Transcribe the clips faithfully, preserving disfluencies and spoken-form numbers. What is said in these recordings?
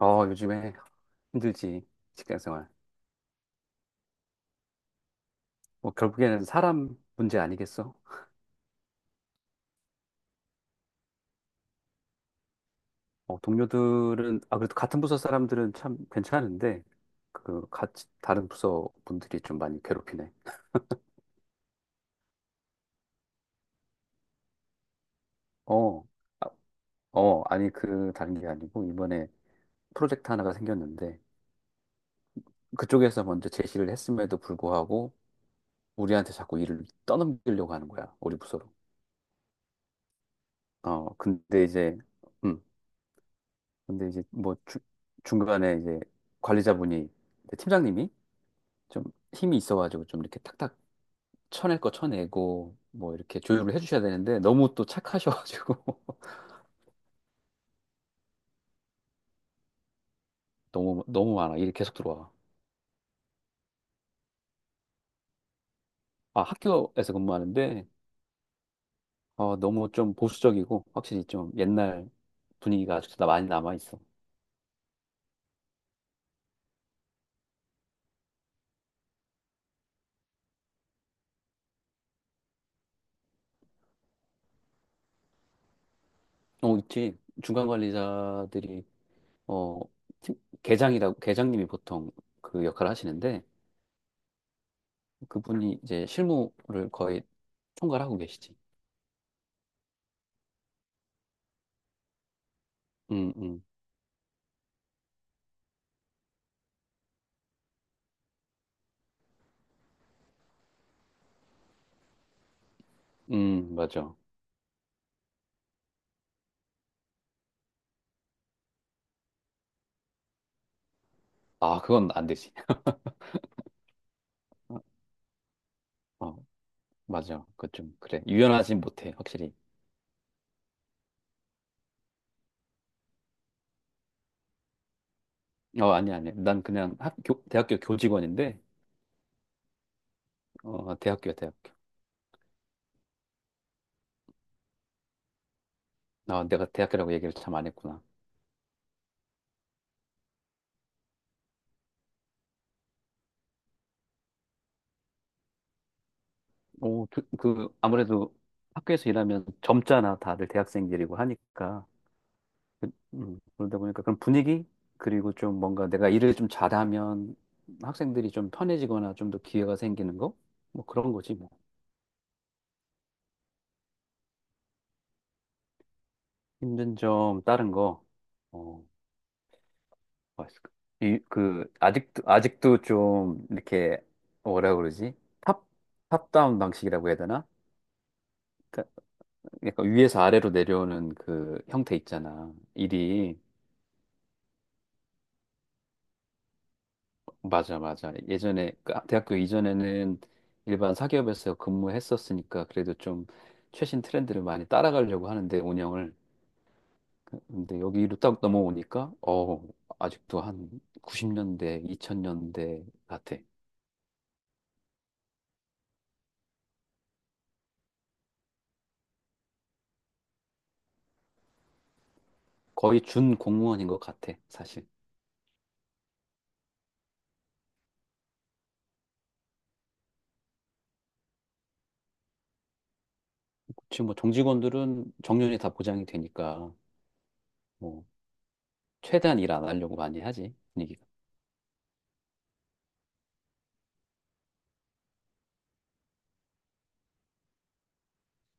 어, 요즘에 힘들지, 직장 생활. 뭐, 결국에는 사람 문제 아니겠어? 어, 동료들은, 아, 그래도 같은 부서 사람들은 참 괜찮은데, 그, 같이, 다른 부서 분들이 좀 많이 괴롭히네. 어, 아, 어, 아니, 그, 다른 게 아니고, 이번에 프로젝트 하나가 생겼는데, 그쪽에서 먼저 제시를 했음에도 불구하고, 우리한테 자꾸 일을 떠넘기려고 하는 거야, 우리 부서로. 어, 근데 이제, 음, 근데 이제, 뭐, 주, 중간에 이제, 관리자분이, 팀장님이, 좀 힘이 있어가지고 좀 이렇게 탁탁 쳐낼 거 쳐내고 뭐 이렇게 조율을 해주셔야 되는데 너무 또 착하셔가지고 너무 너무 많아, 일이 계속 들어와. 아, 학교에서 근무하는데 어, 너무 좀 보수적이고 확실히 좀 옛날 분위기가 아직도 나- 많이 남아 있어. 어, 있지. 중간 관리자들이 어 팀- 계장이라고, 계장님이 보통 그 역할을 하시는데 그분이 이제 실무를 거의 총괄하고 계시지. 음 음, 음, 맞아. 아, 그건 안 되지. 어, 맞아. 그 좀 그래. 유연하진 못해, 확실히. 어, 아니 아니. 난 그냥 학교 대학교 교직원인데 어, 대학교야, 대학교. 아, 내가 대학교라고 얘기를 참 안 했구나. 오, 그, 그 아무래도 학교에서 일하면 젊잖아. 다들 대학생들이고 하니까. 그, 음, 그러다 보니까 그런 분위기, 그리고 좀 뭔가 내가 일을 좀 잘하면 학생들이 좀 편해지거나 좀 더 기회가 생기는 거? 뭐 그런 거지 뭐. 힘든 점 다른 거. 어. 맛있을까? 이, 그, 아직도, 아직도 좀, 이렇게, 뭐라 그러지? 탑, 탑다운 방식이라고 해야 되나? 그러니까 약간 위에서 아래로 내려오는 그 형태 있잖아. 일이. 맞아, 맞아. 예전에, 그 대학교 이전에는 일반 사기업에서 근무했었으니까 그래도 좀 최신 트렌드를 많이 따라가려고 하는데, 운영을. 근데 여기로 딱 넘어오니까, 어, 아직도 한 구십 년대, 이천 년대 같아. 거의 준 공무원인 것 같아, 사실. 지금 뭐 정직원들은 정년이 다 보장이 되니까 뭐 최대한 일 안 하려고 많이 하지, 분위기가.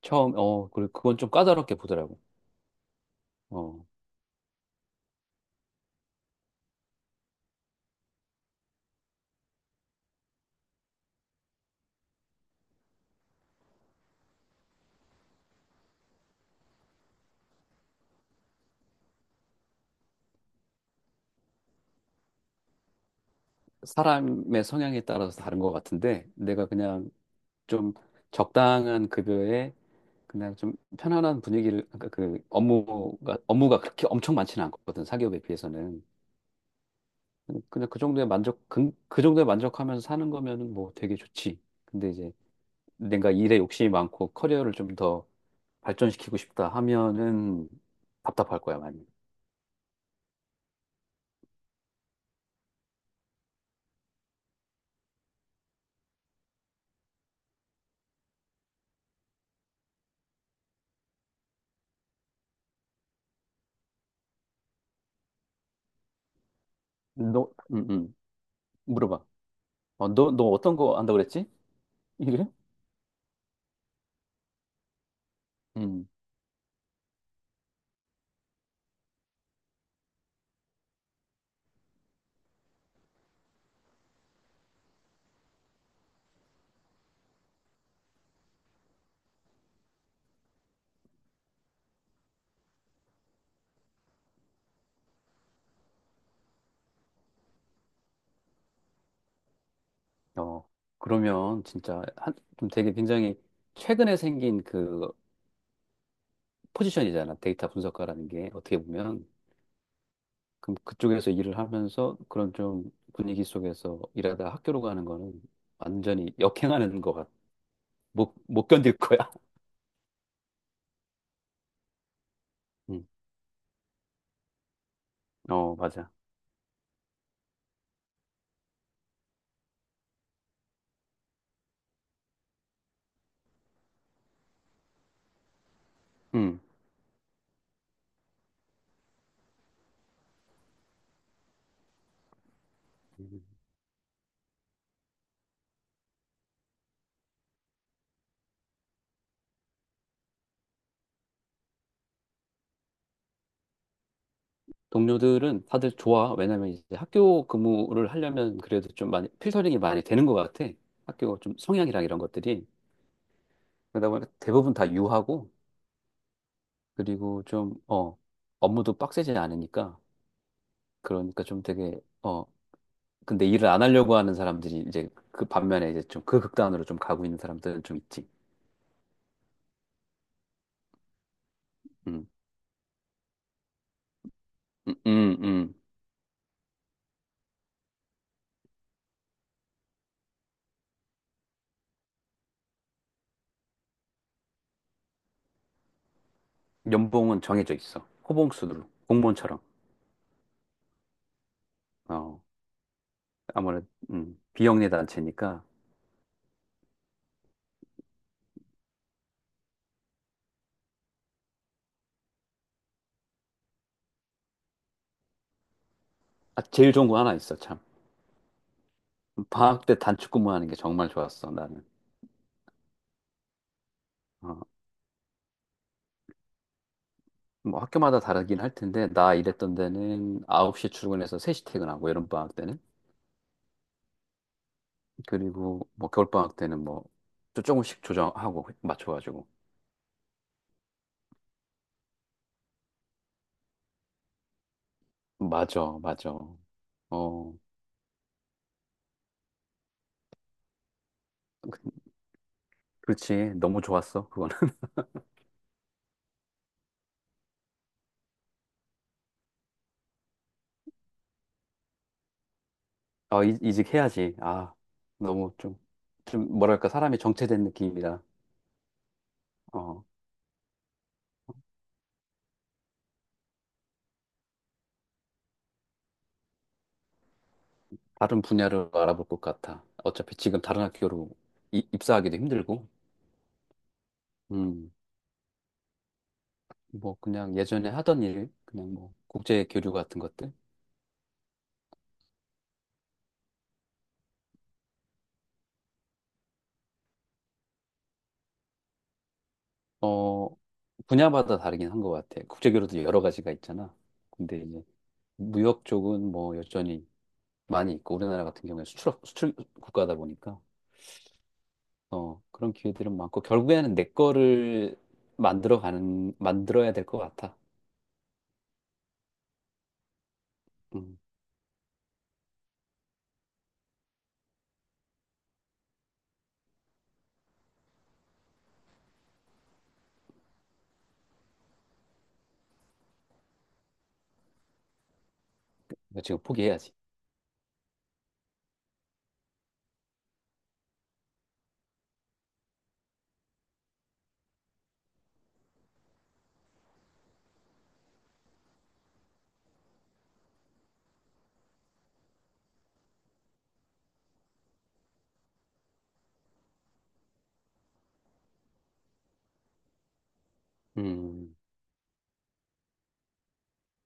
처음 어 그리고 그건 좀 까다롭게 보더라고. 어, 사람의 성향에 따라서 다른 것 같은데 내가 그냥 좀 적당한 급여에 그냥 좀 편안한 분위기를, 그러니까 그 업무가 업무가 그렇게 엄청 많지는 않거든, 사기업에 비해서는. 그냥 그 정도에 만족, 그, 그 정도에 만족하면서 사는 거면은 뭐 되게 좋지. 근데 이제 내가 일에 욕심이 많고 커리어를 좀더 발전시키고 싶다 하면은 답답할 거야, 많이. 너, 음, 음. 물어봐. 어, 너, 너 어떤 거 안다고 그랬지? 이래? 음. 어, 그러면 진짜 한, 좀 되게 굉장히 최근에 생긴 그 포지션이잖아. 데이터 분석가라는 게 어떻게 보면. 그럼 그쪽에서 일을 하면서 그런 좀 분위기 속에서 일하다 학교로 가는 거는 완전히 역행하는 거 같. 못, 못 견딜 거야. 음. 어, 맞아. 음. 동료들은 다들 좋아. 왜냐면 이제 학교 근무를 하려면 그래도 좀 많이 필터링이 많이 되는 것 같아. 학교 좀 성향이랑 이런 것들이. 그러다 보니까 대부분 다 유하고, 그리고 좀, 어, 업무도 빡세지 않으니까. 그러니까 좀 되게, 어, 근데 일을 안 하려고 하는 사람들이 이제 그 반면에 이제 좀 그 극단으로 좀 가고 있는 사람들은 좀 있지. 음, 음, 음, 음. 연봉은 정해져 있어. 호봉수로. 공무원처럼. 어, 아무래도, 음, 비영리 단체니까. 아, 제일 좋은 거 하나 있어, 참. 방학 때 단축 근무하는 게 정말 좋았어, 나는. 어, 뭐 학교마다 다르긴 할 텐데, 나 일했던 데는 아홉 시 출근해서 세 시 퇴근하고, 여름방학 때는. 그리고 뭐 겨울방학 때는 뭐 조- 조금씩 조정하고, 맞춰가지고. 맞아, 맞아. 어, 그- 그렇지. 너무 좋았어, 그거는. 아, 이- 이직해야지. 아, 너무 좀, 좀 뭐랄까, 사람이 정체된 느낌이라. 어, 다른 분야를 알아볼 것 같아. 어차피 지금 다른 학교로 이- 입사하기도 힘들고. 음. 뭐 그냥 예전에 하던 일, 그냥 뭐 국제 교류 같은 것들. 어, 분야마다 다르긴 한 것 같아. 국제 교류도 여러 가지가 있잖아. 근데 이제 무역 쪽은 뭐 여전히 많이 있고 우리나라 같은 경우에 수출업 수출 국가다 보니까 어, 그런 기회들은 많고 결국에는 내 거를 만들어 가는 만들어야 될 것 같아. 음. 이거 지금 포기해야지. 음.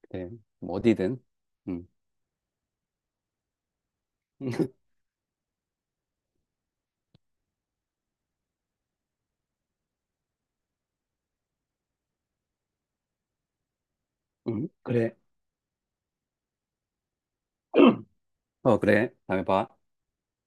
그래. 뭐 어디든. 음. 음. 그래. 어, 그래. 다음에 봐.